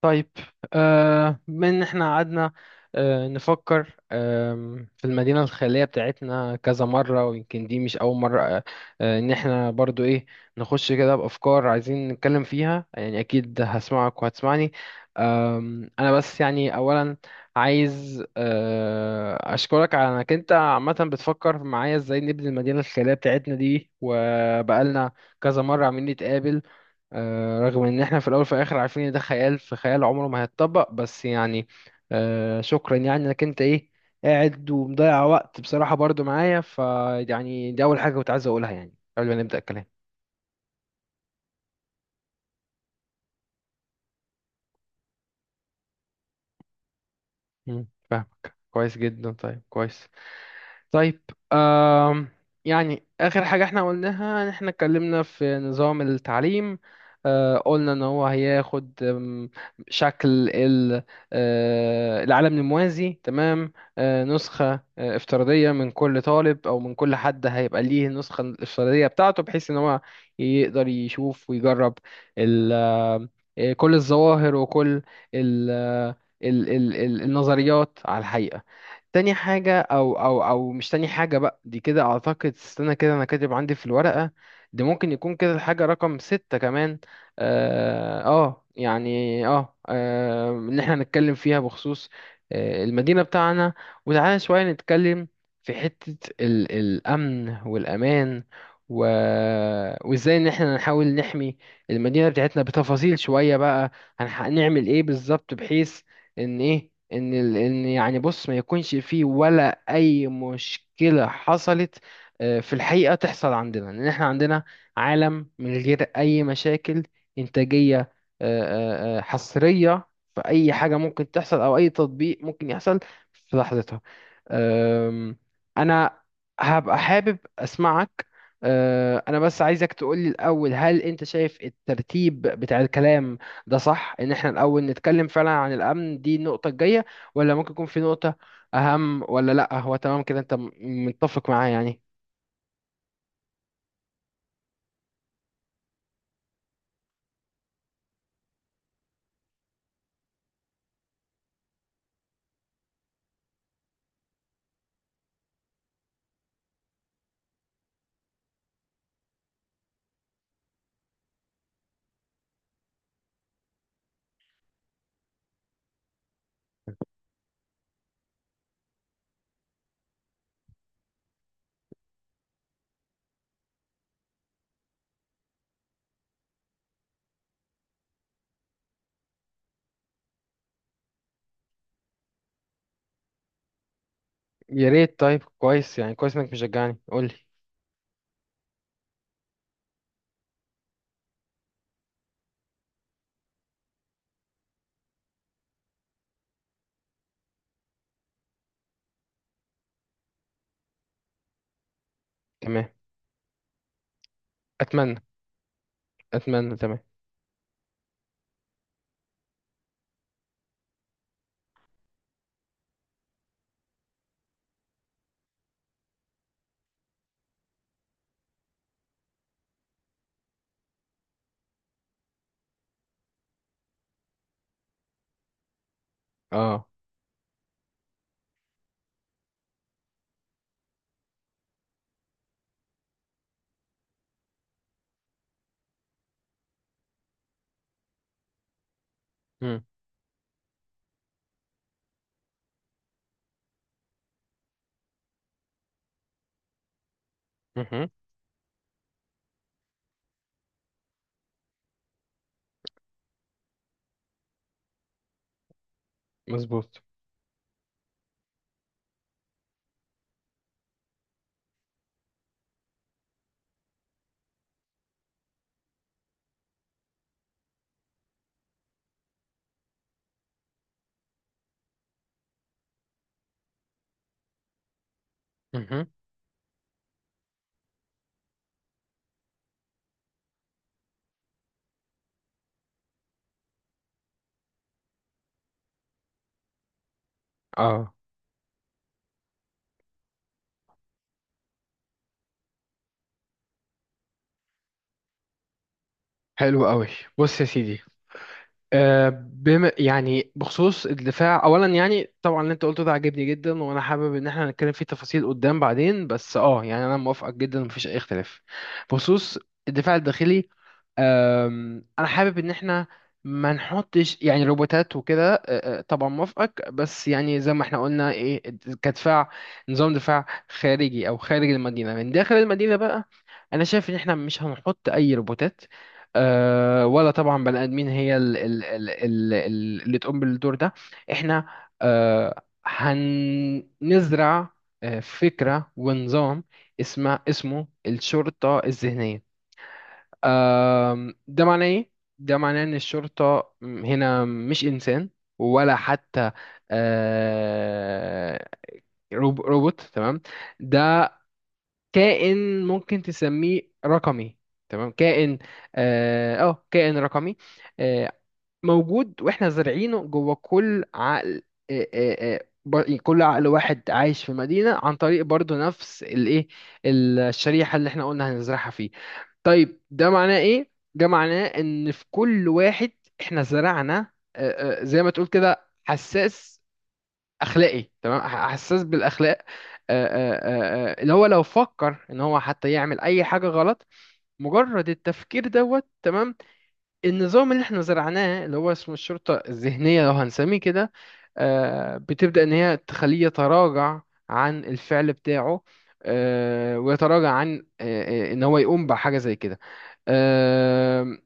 طيب. بما ان احنا قعدنا نفكر في المدينة الخيالية بتاعتنا كذا مرة، ويمكن دي مش أول مرة. إن احنا برضو إيه، نخش كده بأفكار عايزين نتكلم فيها. يعني أكيد هسمعك وهتسمعني. أنا بس يعني أولا عايز أشكرك على إنك أنت عامة بتفكر معايا إزاي نبني المدينة الخيالية بتاعتنا دي، وبقالنا كذا مرة عاملين نتقابل. رغم ان احنا في الاول وفي الاخر عارفين ان ده خيال في خيال عمره ما هيتطبق، بس يعني شكرا يعني انك انت ايه قاعد ومضيع وقت بصراحة برضو معايا. فيعني دي اول حاجة كنت عايز اقولها يعني قبل ما نبدأ الكلام. مم. كويس جدا، طيب كويس. طيب. آم يعني آخر حاجة احنا قلناها إن احنا اتكلمنا في نظام التعليم. قلنا ان هو هياخد شكل العالم الموازي. تمام. نسخة افتراضية من كل طالب او من كل حد، هيبقى ليه النسخة الافتراضية بتاعته بحيث ان هو يقدر يشوف ويجرب ال- كل الظواهر وكل ال- آه، النظريات على الحقيقة. تاني حاجة أو أو أو مش تاني حاجة بقى، دي كده أعتقد، استنى كده، أنا كاتب عندي في الورقة دي ممكن يكون كده الحاجة رقم ستة كمان. يعني إن إحنا نتكلم فيها بخصوص المدينة بتاعنا. وتعالى شوية نتكلم في حتة الأمن والأمان. و... وإزاي إن إحنا نحاول نحمي المدينة بتاعتنا بتفاصيل شوية بقى. هنعمل إيه بالظبط، بحيث ان ايه، ان ال... ان يعني بص ما يكونش فيه ولا اي مشكلة حصلت في الحقيقة تحصل عندنا. ان احنا عندنا عالم من غير اي مشاكل انتاجية، آه، حصرية، في اي حاجة ممكن تحصل او اي تطبيق ممكن يحصل في لحظتها. أم، انا هبقى حابب اسمعك. انا بس عايزك تقولي الاول، هل انت شايف الترتيب بتاع الكلام ده صح؟ ان احنا الاول نتكلم فعلا عن الامن، دي النقطه الجايه؟ ولا ممكن يكون في نقطه اهم؟ ولا لا هو تمام كده، انت متفق معايا يعني؟ يا ريت. طيب كويس يعني، كويس انك مشجعني، قول لي. تمام. اتمنى، اتمنى. تمام. اه. امم. مظبوط. مهم. اه. حلو قوي. بص يا سيدي. بما يعني بخصوص الدفاع اولا، يعني طبعا اللي انت قلته ده عجبني جدا، وانا حابب ان احنا نتكلم فيه تفاصيل قدام بعدين. بس اه يعني انا موافقك جدا، مفيش اي اختلاف. بخصوص الدفاع الداخلي، انا حابب ان احنا ما نحطش يعني روبوتات وكده. أه، أه، طبعا موافقك. بس يعني زي ما احنا قلنا ايه، كدفاع، نظام دفاع خارجي او خارج المدينه من داخل المدينه بقى، انا شايف ان احنا مش هنحط اي روبوتات ولا طبعا بني ادمين هي اللي تقوم بالدور ده. احنا هنزرع فكره ونظام اسمه الشرطه الذهنيه. ده معناه ايه؟ ده معناه ان الشرطة هنا مش انسان، ولا حتى آه، روبوت. تمام. ده كائن ممكن تسميه رقمي، تمام، كائن اه كائن رقمي آه، موجود، واحنا زارعينه جوه كل عقل. كل عقل واحد عايش في مدينة، عن طريق برضو نفس الايه، الشريحة اللي احنا قلنا هنزرعها فيه. طيب ده معناه ايه؟ ده معناه ان في كل واحد احنا زرعنا زي ما تقول كده حساس اخلاقي، تمام، حساس بالاخلاق. اللي هو لو فكر ان هو حتى يعمل اي حاجة غلط، مجرد التفكير دوت، تمام، النظام اللي احنا زرعناه اللي هو اسمه الشرطة الذهنية لو هنسميه كده، بتبدأ إن هي تخليه يتراجع عن الفعل بتاعه ويتراجع عن إن هو يقوم بحاجة زي كده. آه،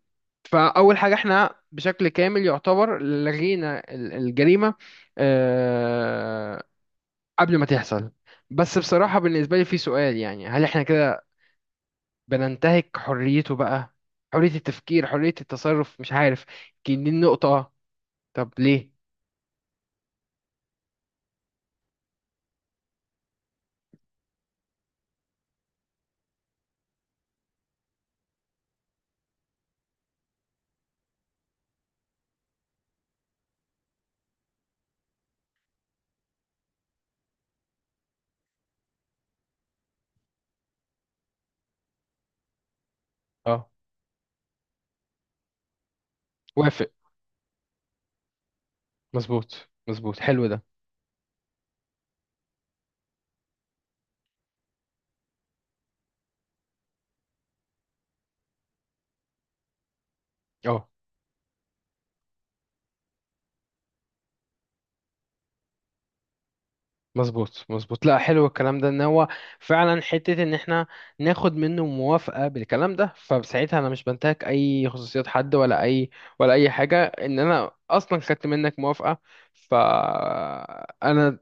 فأول حاجة احنا بشكل كامل يعتبر لغينا الجريمة آه، قبل ما تحصل. بس بصراحة بالنسبة لي في سؤال، يعني هل احنا كده بننتهك حريته بقى؟ حرية التفكير، حرية التصرف، مش عارف، يمكن دي النقطة. طب ليه؟ اه. وافق. مظبوط، مظبوط. حلو ده. اه. مظبوط، مظبوط. لا، حلو الكلام ده، ان هو فعلا حتة ان احنا ناخد منه موافقة بالكلام ده، فساعتها انا مش بنتهك اي خصوصيات حد ولا اي، ولا اي حاجة، ان انا اصلا خدت منك موافقة. فانا،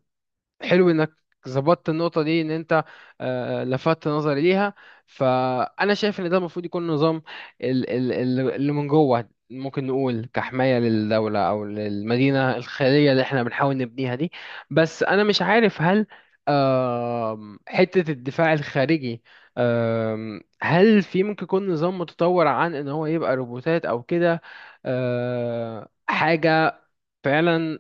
حلو انك ظبطت النقطة دي، ان انت لفتت نظري ليها. فانا شايف ان ده المفروض يكون نظام اللي من جوه، ممكن نقول كحماية للدولة او للمدينة الخيرية اللي احنا بنحاول نبنيها دي. بس انا مش عارف هل حتة الدفاع الخارجي، هل في ممكن يكون نظام متطور عن ان هو يبقى روبوتات او كده، حاجة فعلا،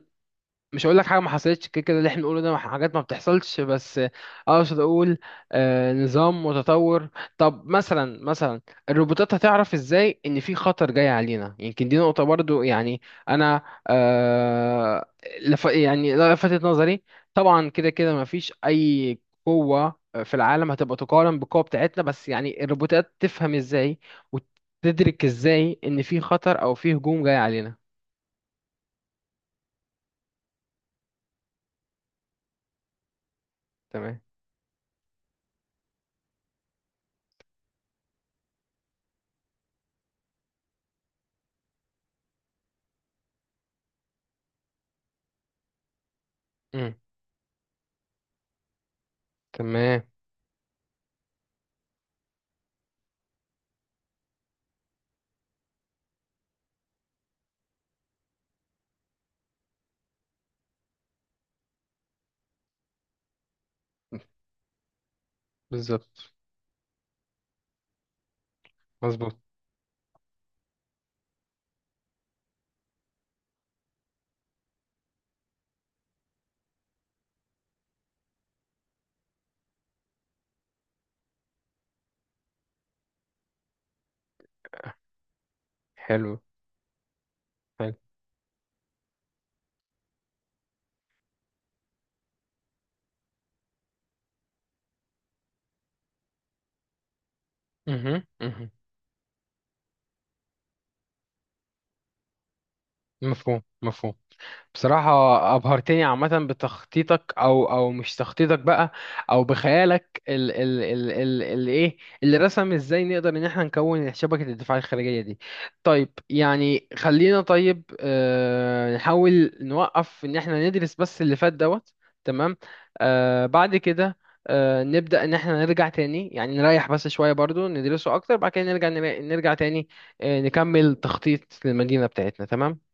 مش هقول لك حاجه ما حصلتش، كده كده اللي احنا بنقوله ده حاجات ما بتحصلش، بس اقصد اقول نظام متطور. طب مثلا، مثلا الروبوتات هتعرف ازاي ان في خطر جاي علينا؟ يمكن دي نقطه برضو يعني، انا آه لف يعني لفتت نظري. طبعا كده كده ما فيش اي قوه في العالم هتبقى تقارن بالقوه بتاعتنا، بس يعني الروبوتات تفهم ازاي وتدرك ازاي ان في خطر او في هجوم جاي علينا؟ تمام. امم. تمام. بالظبط. مظبوط. حلو. حلو. مهم. مهم. مفهوم. مفهوم. بصراحة أبهرتني، عامة بتخطيطك أو أو مش تخطيطك بقى، أو بخيالك ال ال ال ال ال إيه اللي رسم إزاي نقدر إن إحنا نكون شبكة الدفاع الخارجية دي. طيب يعني خلينا، طيب نحاول نوقف إن إحنا ندرس بس اللي فات دوت. تمام. بعد كده نبدأ إن إحنا نرجع تاني، يعني نريح بس شوية برضو ندرسه أكتر، بعد كده نرجع تاني نكمل تخطيط للمدينة بتاعتنا. تمام.